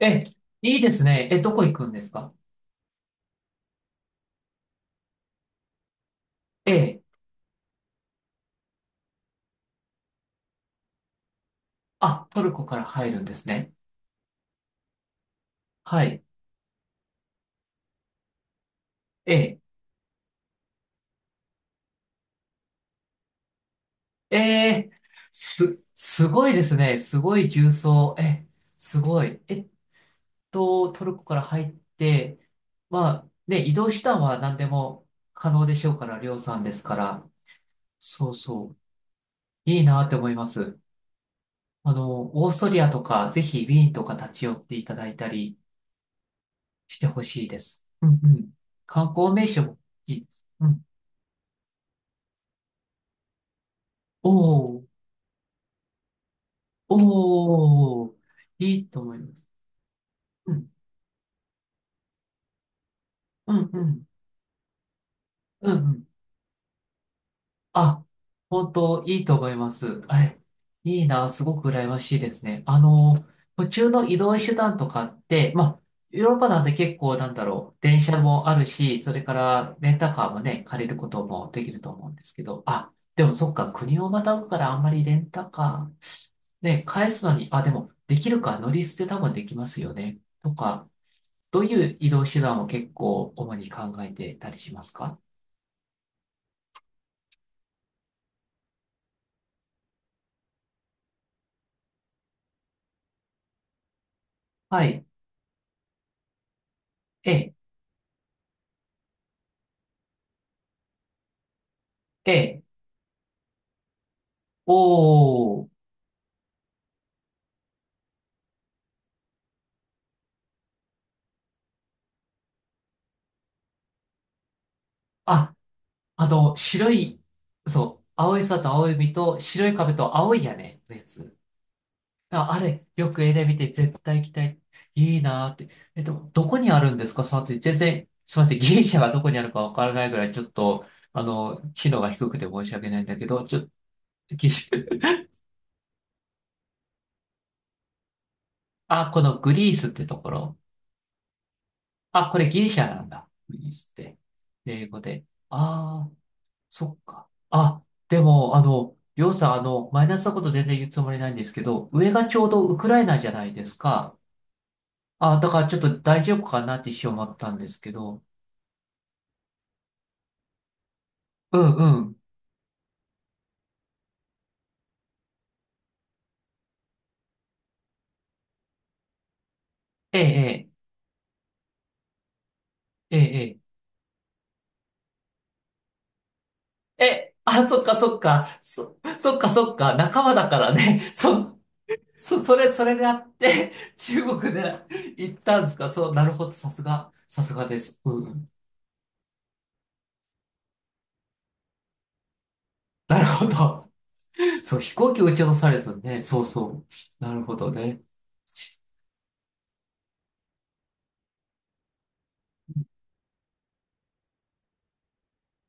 え、いいですね。え、どこ行くんですか？ええ、あ、トルコから入るんですね。はい。ええ、ええ、すごいですね。すごい重装え、すごい。トルコから入って、まあ、ね、移動手段は何でも可能でしょうから、りょうさんですから。そうそう。いいなって思います。あの、オーストリアとか、ぜひウィーンとか立ち寄っていただいたりしてほしいです。うんうん。観光名所もいいです。うん、おお、おお、いいと思います。うん、うん、うん、うん、うん。あ、本当、いいと思います。はい。いいな、すごく羨ましいですね。あの、途中の移動手段とかって、まあ、ヨーロッパなんて結構、なんだろう、電車もあるし、それからレンタカーもね、借りることもできると思うんですけど、あ、でもそっか、国をまたぐからあんまりレンタカー、ね、返すのに、あ、でも、できるか、乗り捨て多分できますよね、とか。どういう移動手段を結構主に考えてたりしますか？はい。え、え、おー。あ、あと、白い、そう、青い空と青い海と白い壁と青い屋根のやつ。あ、あれ、よく絵で見て絶対行きたい。いいなーって。どこにあるんですか？その後、全然、すみません。ギリシャがどこにあるかわからないぐらい、ちょっと、あの、知能が低くて申し訳ないんだけど、ギリシャ、あ、このグリースってところ。あ、これギリシャなんだ。グリースって。英語で。ああ、そっか。あ、でも、あの、りょうさん、あの、マイナスなこと全然言うつもりないんですけど、上がちょうどウクライナじゃないですか。あ、だからちょっと大丈夫かなって一瞬思ったんですけど。うんうん。ええ、ええ、ええ。え、あ、そっかそっか。そっかそっか。仲間だからね。それであって、中国で行ったんですか？そう、なるほど。さすが、さすがです。うん。なるほど。そう、飛行機を撃ち落とされたね。そうそう。なるほどね。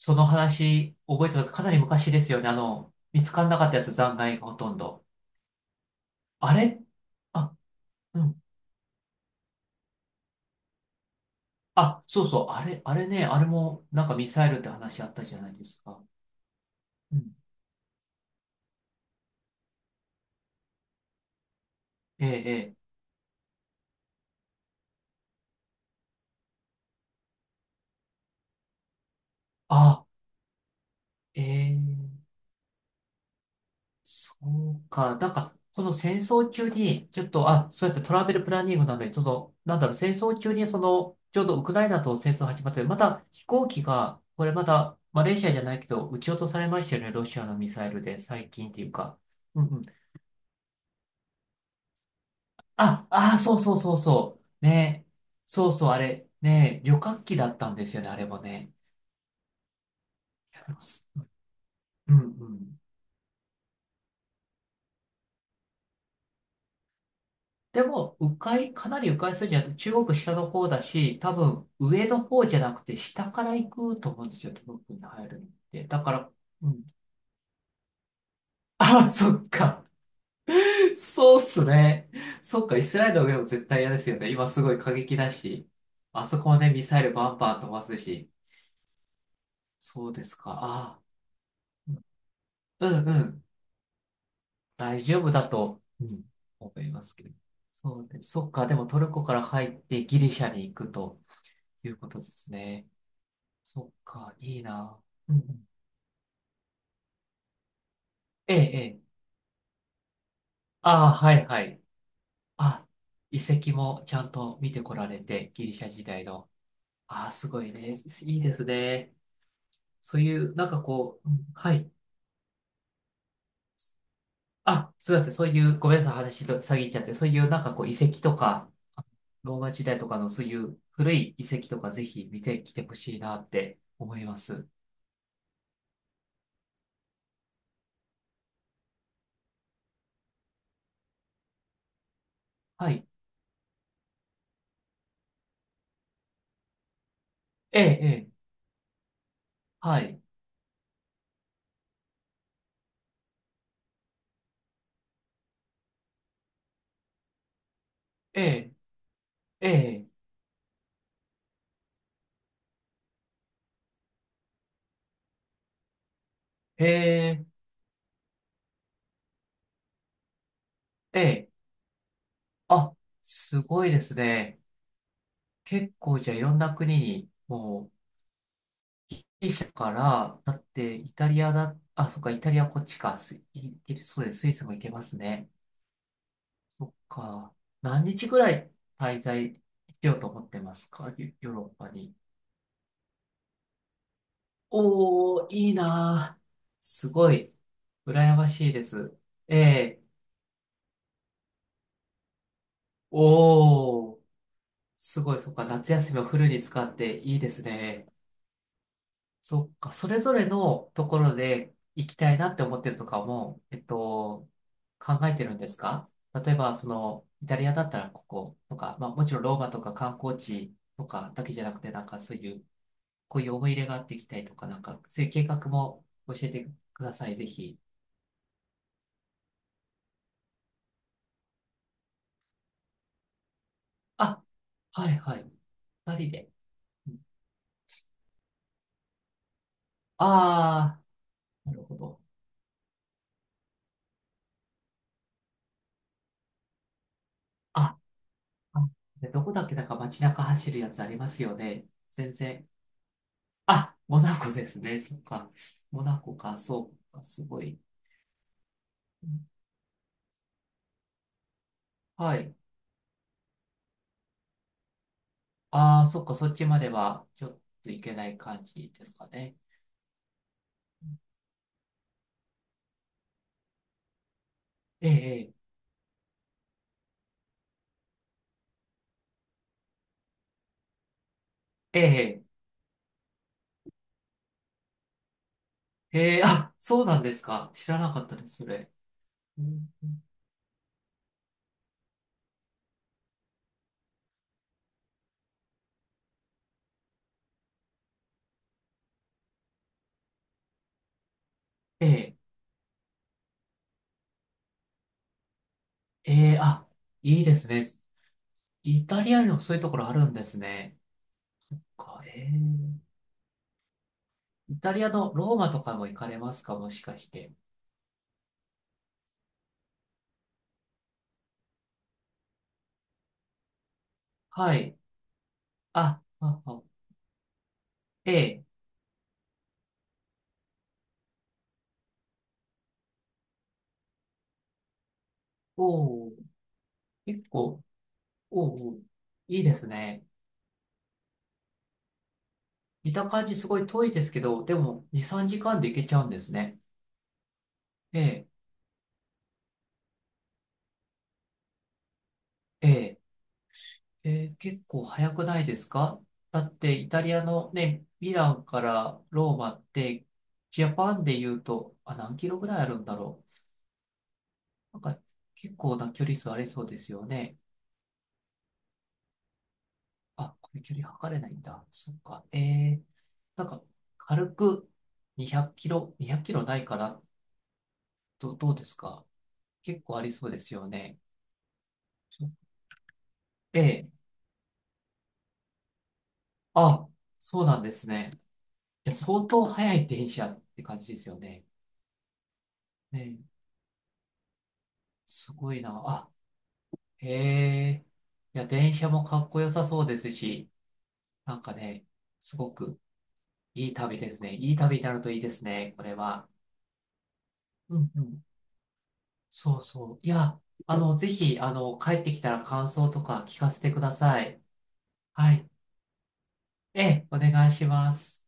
その話、覚えてます。かなり昔ですよね。あの、見つからなかったやつ、残骸がほとんど。あれ、あ、うん。あ、そうそう。あれ、あれね、あれも、なんかミサイルって話あったじゃないですか。うん。ええ、ええ。あ、ええ。そうか。なんか、その戦争中に、ちょっと、あ、そうやってトラベルプランニングなので、ちょっとなんだろう、戦争中に、その、ちょうどウクライナと戦争始まって、また飛行機が、これまた、マレーシアじゃないけど、撃ち落とされましたよね、ロシアのミサイルで、最近っていうか。うんうん。あ、あー、そうそうそうそう。ね。そうそう、あれ、ね、旅客機だったんですよね、あれもね。いやでもすうんうん。でも、迂回、かなり迂回するんじゃなくて、中国下の方だし、多分上の方じゃなくて下から行くと思うんですよ、東北に入るのって。だから、うん。あ、そっか。そうっすね。そっか、イスラエルの上も絶対嫌ですよね。今すごい過激だし、あそこもね、ミサイルバンバン飛ばすし。そうですか。ああ、うんうん。大丈夫だと、うん、思いますけど。そうで、そっか、でもトルコから入ってギリシャに行くということですね。そっか、いいな。うんうん。ええ、ええ。ああ、はい、はい。あ、遺跡もちゃんと見てこられて、ギリシャ時代の。ああ、すごいね。いいですね。そういう、なんかこう、うん、はい。あ、すみません。そういう、ごめんなさい。話と遮っちゃって、そういう、なんかこう、遺跡とか、ローマ時代とかのそういう古い遺跡とか、ぜひ見てきてほしいなって思います。はい。ええ、ええ。はい。ええ、ええ。へえ、ええ。あ、すごいですね。結構じゃあいろんな国に、もう、ギリシャから、だってイタリアだ、あ、そっか、イタリアこっちか、スイ、イギリスそうです、スイスも行けますね。そっか、何日ぐらい滞在しようと思ってますか、ヨーロッパに？おー、いいなー。すごい、羨ましいです。ええ、おー、すごい、そっか、夏休みをフルに使っていいですね。そっか、それぞれのところで行きたいなって思ってるとかも、考えてるんですか？例えば、その、イタリアだったらこことか、まあもちろんローマとか観光地とかだけじゃなくて、なんかそういう、こういう思い入れがあって行きたいとか、なんかそういう計画も教えてください、ぜひ。あ、はいはい。二人で。ああー、なるほど。あ、あ、でどこだっけ、なんか街中走るやつありますよね。全然。あ、モナコですね。そっか。モナコか、そうか、すごい。うん、はい。ああ、そっか、そっちまでは、ちょっと行けない感じですかね。ええ、ええ、ええ、ええ、あ、そうなんですか。知らなかったです、それ。うん、ええ、ええ、あ、いいですね。イタリアにもそういうところあるんですね。ええ、イタリアのローマとかも行かれますか、もしかして？はい。あ、あ、あ、ええ、おお、結構、おうおう、いいですね。見た感じすごい遠いですけど、でも2、3時間で行けちゃうんですね。ええ、ええ、ええ、結構早くないですか？だってイタリアのね、ミランからローマって、ジャパンで言うと、あ、何キロぐらいあるんだろう。なんか結構な距離数ありそうですよね。あ、これ距離測れないんだ。そっか。ええ、なんか軽く200キロ、2 0キロないかな。どうですか？結構ありそうですよね。ええ。あ、そうなんですね。いや、相当早い電車って感じですよね。ええ。すごいな。あ、へえ。いや、電車もかっこよさそうですし、なんかね、すごくいい旅ですね。いい旅になるといいですね、これは。うんうん。そうそう。いや、あの、ぜひ、あの、帰ってきたら感想とか聞かせてください。はい。ええ、お願いします。